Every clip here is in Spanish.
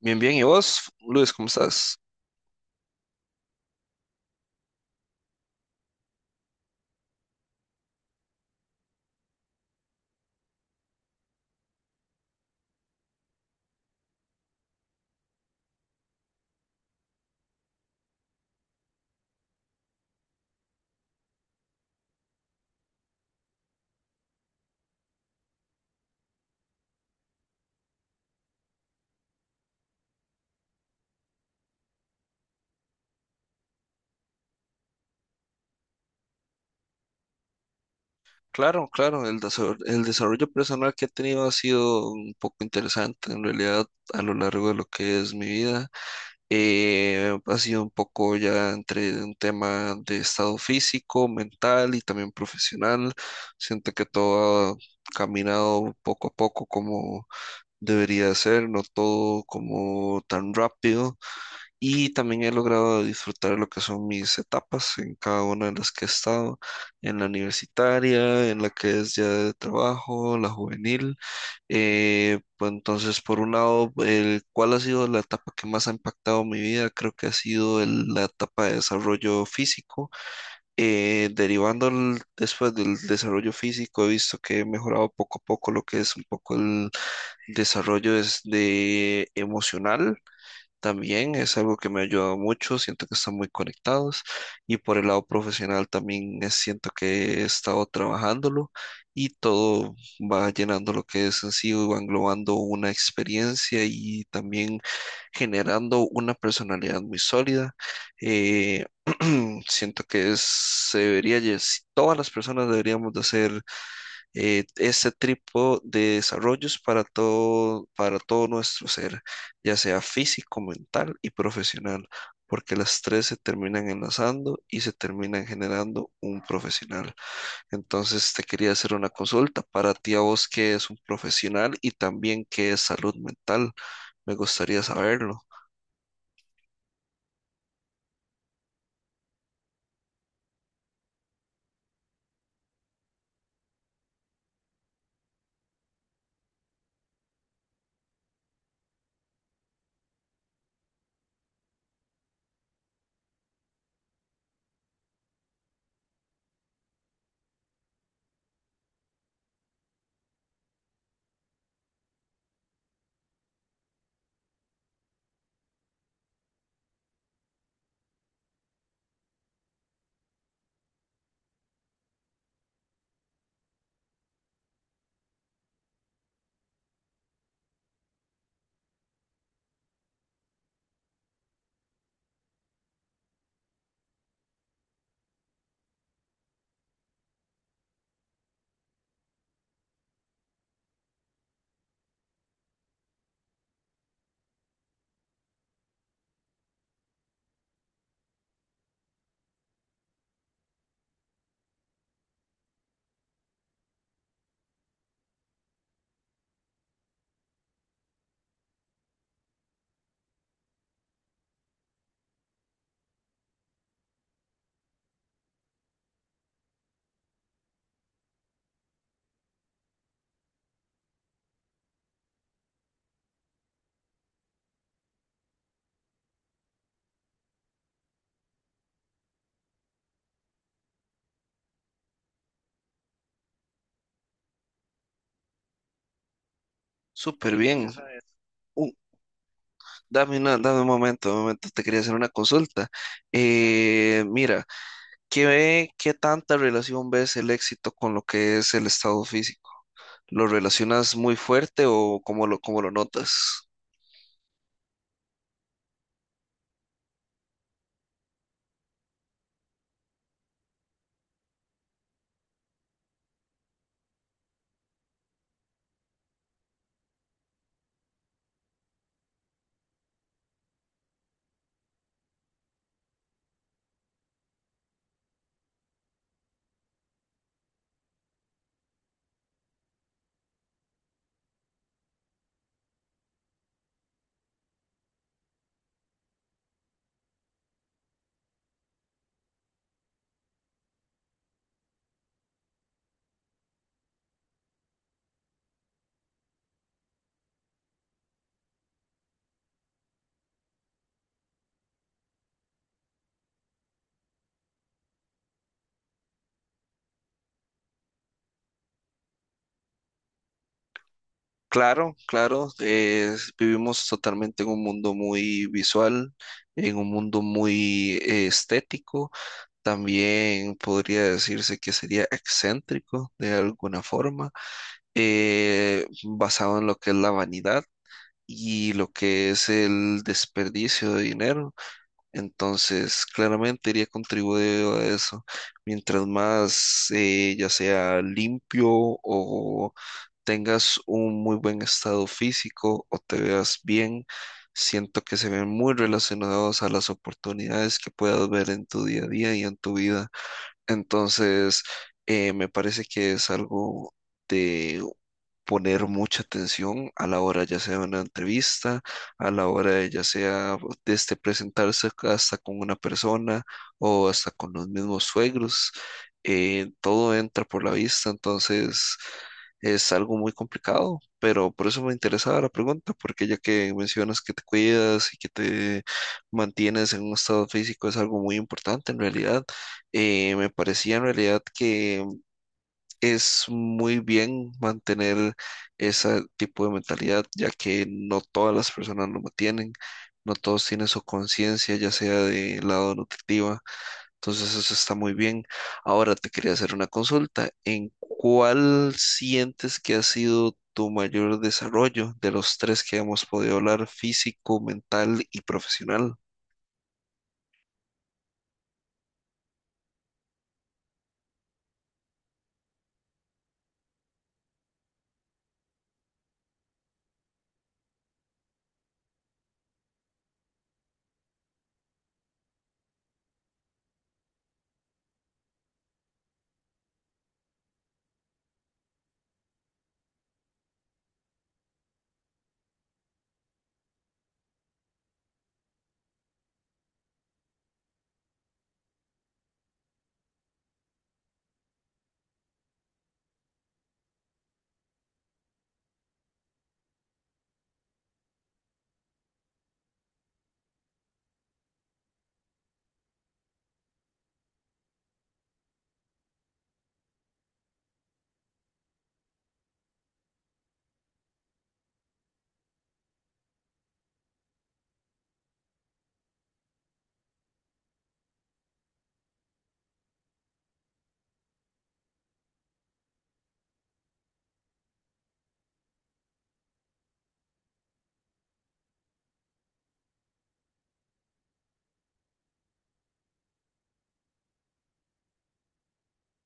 Bien, bien. ¿Y vos, Luis, cómo estás? Claro, claro. El desarrollo personal que he tenido ha sido un poco interesante, en realidad, a lo largo de lo que es mi vida. Ha sido un poco ya entre un tema de estado físico, mental y también profesional. Siento que todo ha caminado poco a poco como debería ser, no todo como tan rápido. Y también he logrado disfrutar lo que son mis etapas en cada una de las que he estado, en la universitaria, en la que es ya de trabajo, la juvenil. Pues entonces, por un lado, ¿cuál ha sido la etapa que más ha impactado mi vida? Creo que ha sido la etapa de desarrollo físico. Derivando después del desarrollo físico, he visto que he mejorado poco a poco lo que es un poco el desarrollo es de emocional también es algo que me ha ayudado mucho, siento que están muy conectados y por el lado profesional también siento que he estado trabajándolo y todo va llenando lo que es en sí, va englobando una experiencia y también generando una personalidad muy sólida. Eh, siento que se debería, todas las personas deberíamos de hacer este tipo de desarrollos para todo nuestro ser, ya sea físico, mental y profesional, porque las tres se terminan enlazando y se terminan generando un profesional. Entonces te quería hacer una consulta para ti a vos que es un profesional y también que es salud mental. Me gustaría saberlo. Súper bien. Uh, dame dame un momento, te quería hacer una consulta. Mira. ¿Qué, qué tanta relación ves el éxito con lo que es el estado físico? ¿Lo relacionas muy fuerte o cómo lo notas? Claro, claro, vivimos totalmente en un mundo muy visual, en un mundo muy estético, también podría decirse que sería excéntrico de alguna forma, basado en lo que es la vanidad y lo que es el desperdicio de dinero. Entonces, claramente iría contribuyendo a eso. Mientras más, ya sea limpio o tengas un muy buen estado físico o te veas bien, siento que se ven muy relacionados a las oportunidades que puedas ver en tu día a día y en tu vida. Entonces, me parece que es algo de poner mucha atención a la hora ya sea de una entrevista, a la hora de ya sea este presentarse hasta con una persona o hasta con los mismos suegros. Todo entra por la vista, entonces es algo muy complicado, pero por eso me interesaba la pregunta, porque ya que mencionas que te cuidas y que te mantienes en un estado físico es algo muy importante en realidad. Me parecía en realidad que es muy bien mantener ese tipo de mentalidad, ya que no todas las personas lo mantienen, no todos tienen su conciencia, ya sea de lado nutritiva, entonces eso está muy bien. Ahora te quería hacer una consulta, ¿en cuál sientes que ha sido tu mayor desarrollo de los tres que hemos podido hablar, físico, mental y profesional?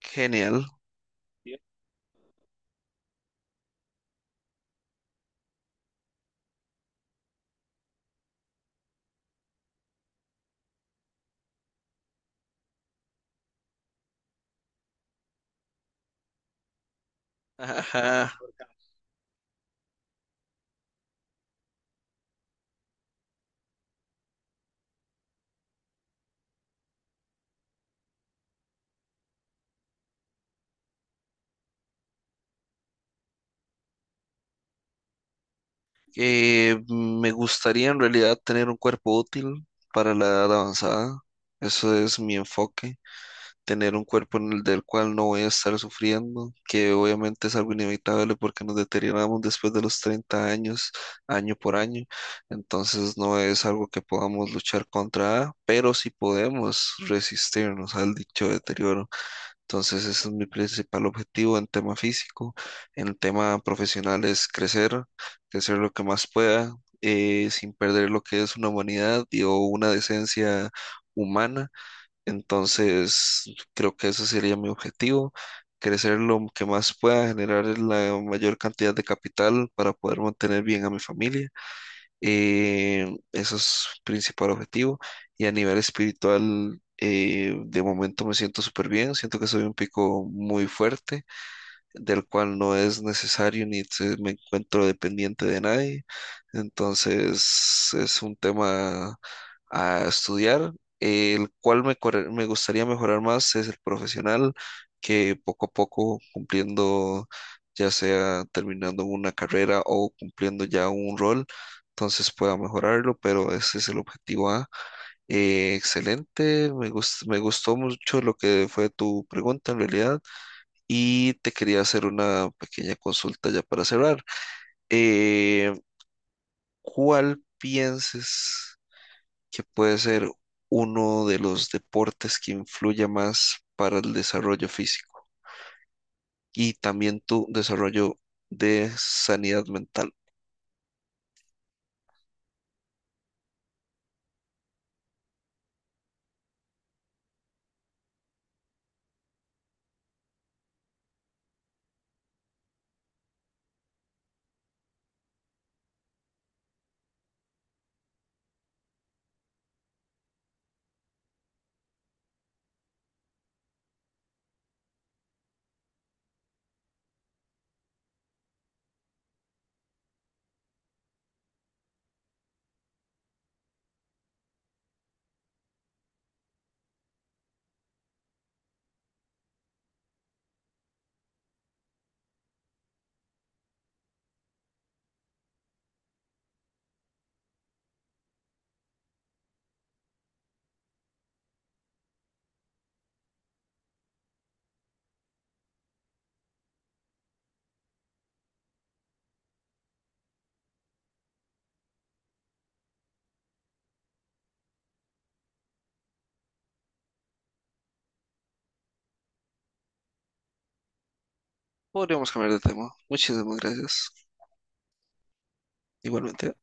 Genial. Me gustaría en realidad tener un cuerpo útil para la edad avanzada. Eso es mi enfoque. Tener un cuerpo en el del cual no voy a estar sufriendo, que obviamente es algo inevitable porque nos deterioramos después de los 30 años, año por año. Entonces no es algo que podamos luchar contra, pero sí podemos resistirnos al dicho deterioro. Entonces, ese es mi principal objetivo en tema físico. En tema profesional es crecer, crecer lo que más pueda, sin perder lo que es una humanidad y o una decencia humana. Entonces, creo que ese sería mi objetivo, crecer lo que más pueda, generar la mayor cantidad de capital para poder mantener bien a mi familia eso es principal objetivo. Y a nivel espiritual, de momento me siento súper bien. Siento que soy un pico muy fuerte del cual no es necesario ni se- me encuentro dependiente de nadie. Entonces es un tema a estudiar. El cual me gustaría mejorar más es el profesional, que poco a poco cumpliendo, ya sea terminando una carrera o cumpliendo ya un rol, entonces pueda mejorarlo, pero ese es el objetivo A. Excelente, me gustó mucho lo que fue tu pregunta en realidad. Y te quería hacer una pequeña consulta ya para cerrar. Eh, ¿Cuál piensas que puede ser uno de los deportes que influya más para el desarrollo físico y también tu desarrollo de sanidad mental? Podríamos cambiar de tema. Muchísimas gracias. Igualmente.